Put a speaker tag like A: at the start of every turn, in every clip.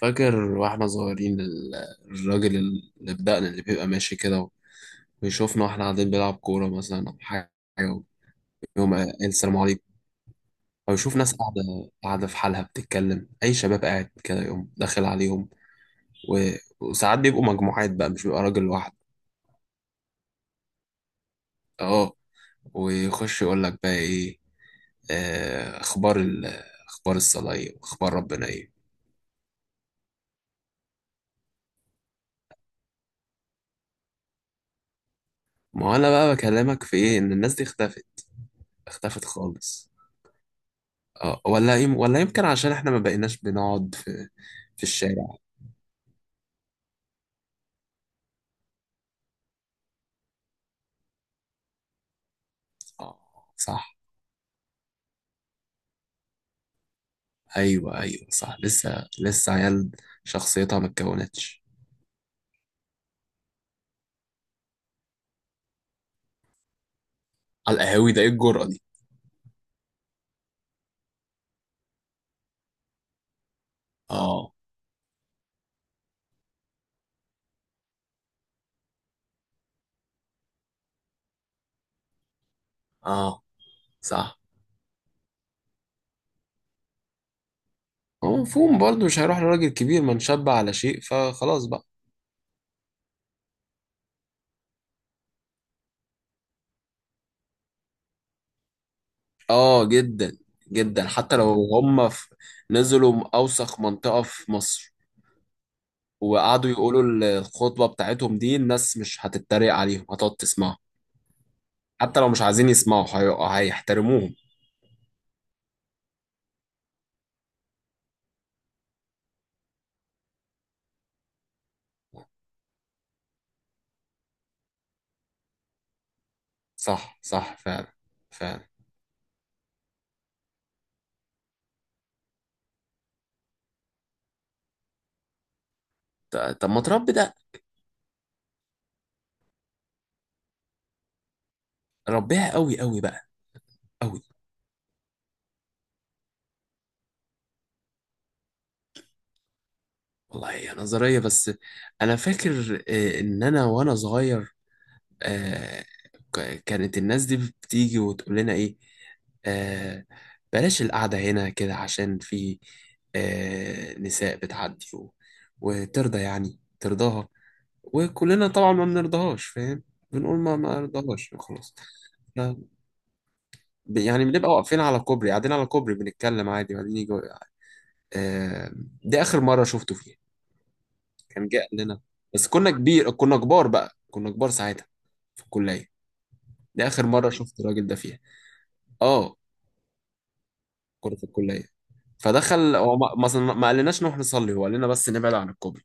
A: فاكر واحنا صغيرين الراجل اللي بدقنا اللي بيبقى ماشي كده ويشوفنا واحنا قاعدين بنلعب كورة مثلا أو حاجة يقوم قايل السلام عليكم، أو يشوف ناس قاعدة قاعدة في حالها بتتكلم أي شباب قاعد كده يقوم داخل عليهم، و... وساعات بيبقوا مجموعات بقى مش بيبقى راجل واحد. أه، ويخش يقول لك بقى إيه؟ آه، أخبار ال... أخبار الصلاة إيه وأخبار ربنا إيه؟ ما هو أنا بقى بكلمك في إيه، إن الناس دي اختفت، اختفت خالص. اه، ولا يمكن عشان احنا ما بقيناش بنقعد في الشارع. اه، صح. ايوه ايوه، صح، لسه لسه عيال، شخصيتها ما اتكونتش. على القهاوي؟ ده ايه الجرأة دي؟ اه، اه صح. هو مفهوم برضه مش هيروح لراجل كبير ما نشب على شيء فخلاص بقى. اه، جدا، جدا، حتى لو هم في... نزلوا اوسخ منطقة في مصر وقعدوا يقولوا الخطبة بتاعتهم دي، الناس مش هتتريق عليهم، هتقعد تسمعها. حتى لو مش عايزين يسمعوا هيحترموهم. صح صح، فعلا فعلا. طب ما تربي ده، ربيها قوي قوي بقى. قوي، والله هي نظرية بس. أنا فاكر إن أنا وأنا صغير، آه، كانت الناس دي بتيجي وتقول لنا إيه؟ آه، بلاش القعدة هنا كده عشان في نساء بتعدي وترضى يعني ترضاها، وكلنا طبعا ما بنرضاهاش، فاهم؟ بنقول ما رضاهاش خلاص. يعني بنبقى واقفين على كوبري قاعدين على كوبري بنتكلم عادي وبعدين يجي. آه دي آخر مرة شفته فيها. كان جه قال لنا، بس كنا كبار بقى، كنا كبار ساعتها، في الكلية. دي آخر مرة شفت الراجل ده فيها. اه، كنا في الكلية فدخل هو، ما مثلا ما قالناش نروح نصلي، هو قال لنا بس نبعد عن الكوبري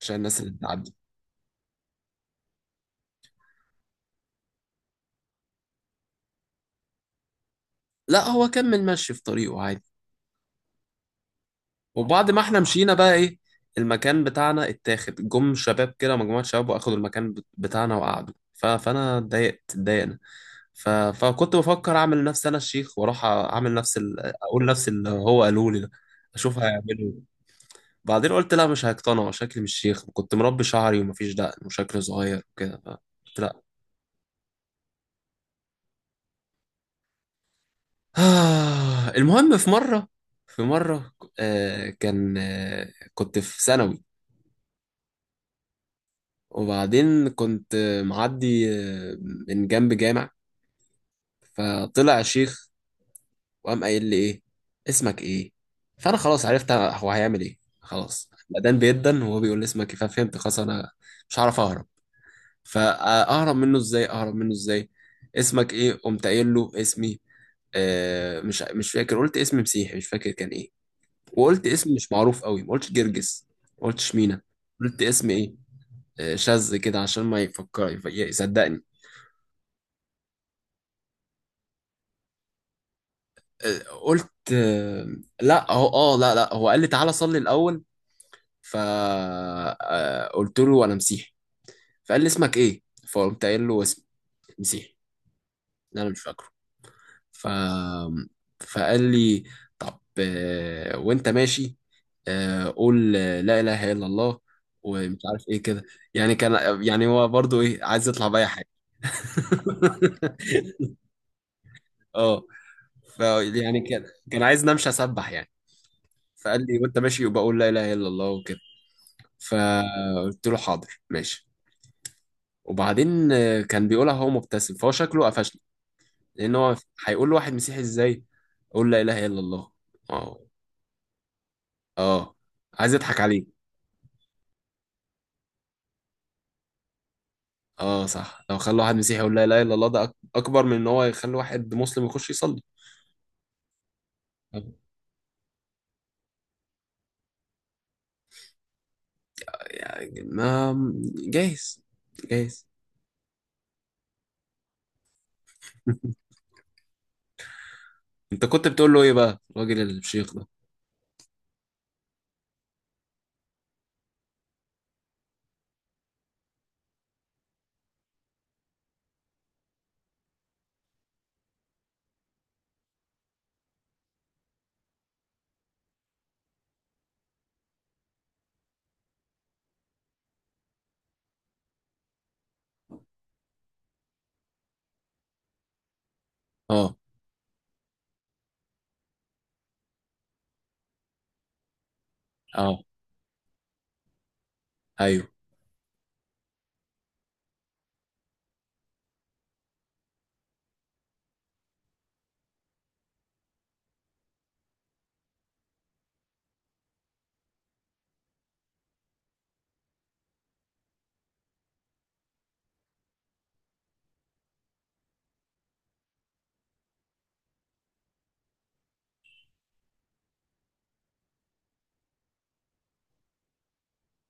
A: عشان الناس اللي بتعدي. لا، هو كمل ماشي في طريقه عادي. وبعد ما احنا مشينا بقى ايه، المكان بتاعنا اتاخد جم شباب كده، مجموعة شباب واخدوا المكان بتاعنا وقعدوا فانا اتضايقت، اتضايقنا. فكنت بفكر اعمل نفسي انا الشيخ واروح اعمل نفس اقول نفس اللي هو قالوا لي ده، اشوف هيعملوا إيه. بعدين قلت لا، مش هيقتنعوا، شكلي مش شيخ، كنت مربي شعري ومفيش دقن وشكلي صغير وكده قلت لا. المهم، في مره، في مره كان آه كنت في ثانوي، وبعدين كنت معدي من جنب جامع فطلع شيخ، وقام قايل لي ايه؟ اسمك ايه؟ فانا خلاص عرفت هو هيعمل ايه، خلاص بدان بيدن، وهو بيقول لي اسمك ايه ففهمت خلاص انا مش هعرف اهرب، فاهرب منه ازاي، اهرب منه ازاي؟ اسمك ايه؟ قمت قايل له اسمي، مش فاكر، قلت اسم مسيحي مش فاكر كان ايه، وقلت اسم مش معروف قوي، ما قلتش جرجس، ما قلتش مينا، قلت اسم ايه؟ شاذ كده عشان ما يفكر يصدقني. قلت لا لا، هو قال لي تعالى صلي الاول، فقلت له انا مسيحي، فقال لي اسمك ايه؟ فقمت قايل له اسم مسيحي إن انا مش فاكره. ف فقال لي طب وانت ماشي قول لا اله الا الله ومش عارف ايه كده. يعني كان، يعني هو برضو ايه، عايز يطلع باي حاجه. اه. ف يعني كان عايز امشي اسبح يعني، فقال لي وانت ماشي يبقى قول لا اله الا الله وكده. فقلت له حاضر ماشي. وبعدين كان بيقولها هو مبتسم فهو شكله قفشني، لان هو هيقول لواحد مسيحي ازاي قول لا اله الا الله. اه، اه، عايز يضحك عليه. اه صح، لو خلى واحد مسيحي يقول لا اله الا الله ده اكبر من ان هو يخلي واحد مسلم يخش يصلي. طب، يعني ما، جايز، جايز. انت كنت بتقول له ايه بقى الراجل الشيخ ده؟ اه، اه، ايوه،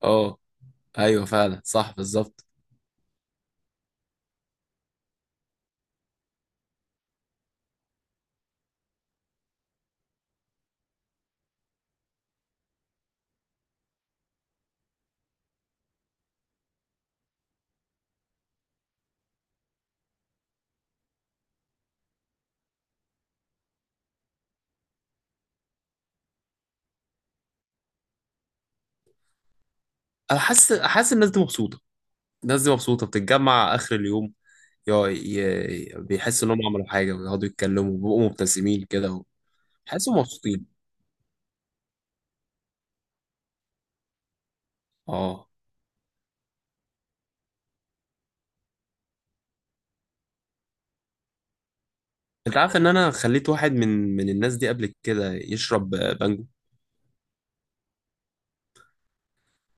A: اه، ايوه، فعلا، صح، بالظبط. انا حاسس حاسس الناس دي مبسوطه، الناس دي مبسوطه بتتجمع اخر اليوم، بيحسوا انهم عملوا حاجه ويقعدوا يتكلموا وبيبقوا مبتسمين كده. وحاسوا مبسوطين. اه، انت عارف ان انا خليت واحد من الناس دي قبل كده يشرب بانجو؟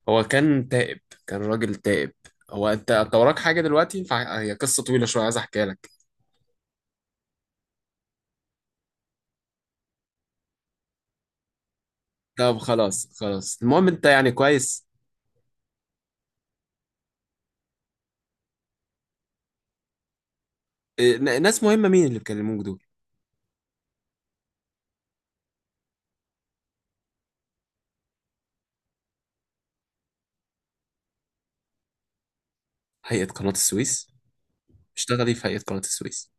A: هو كان تائب، كان راجل تائب. هو انت وراك حاجه دلوقتي، هي قصه طويله شويه عايز احكيها لك. طب خلاص خلاص، المهم انت يعني كويس. إيه، ناس مهمه، مين اللي بيكلموك دول؟ هيئه قناه السويس؟ اشتغلي في هيئه قناه السويس.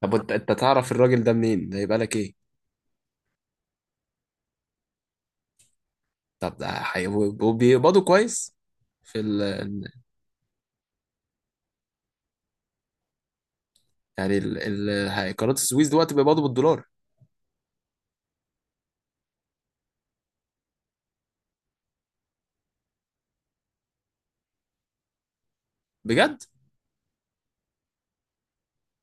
A: طب انت، انت تعرف الراجل ده منين، ده يبقى لك ايه؟ طب ده وبيقبضوا كويس؟ في ال... يعني ال... ال... هي- قناة السويس دلوقتي بيقبضوا بالدولار؟ بجد؟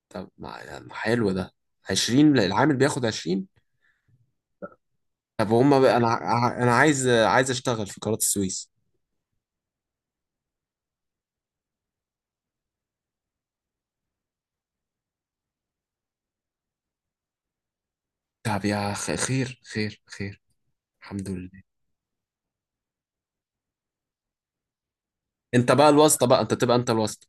A: طب ما يعني حلو ده. 20، العامل بياخد 20؟ طب هم بقى، انا انا عايز اشتغل في قناة السويس. طب يا خير خير خير. الحمد لله. انت بقى الواسطة بقى، انت تبقى انت الواسطة.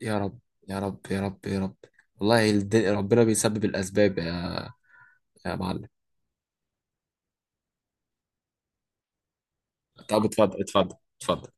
A: يا رب، يا رب، يا رب، يا رب. والله ربنا بيسبب الاسباب، يا يا معلم. طب اتفضل اتفضل اتفضل.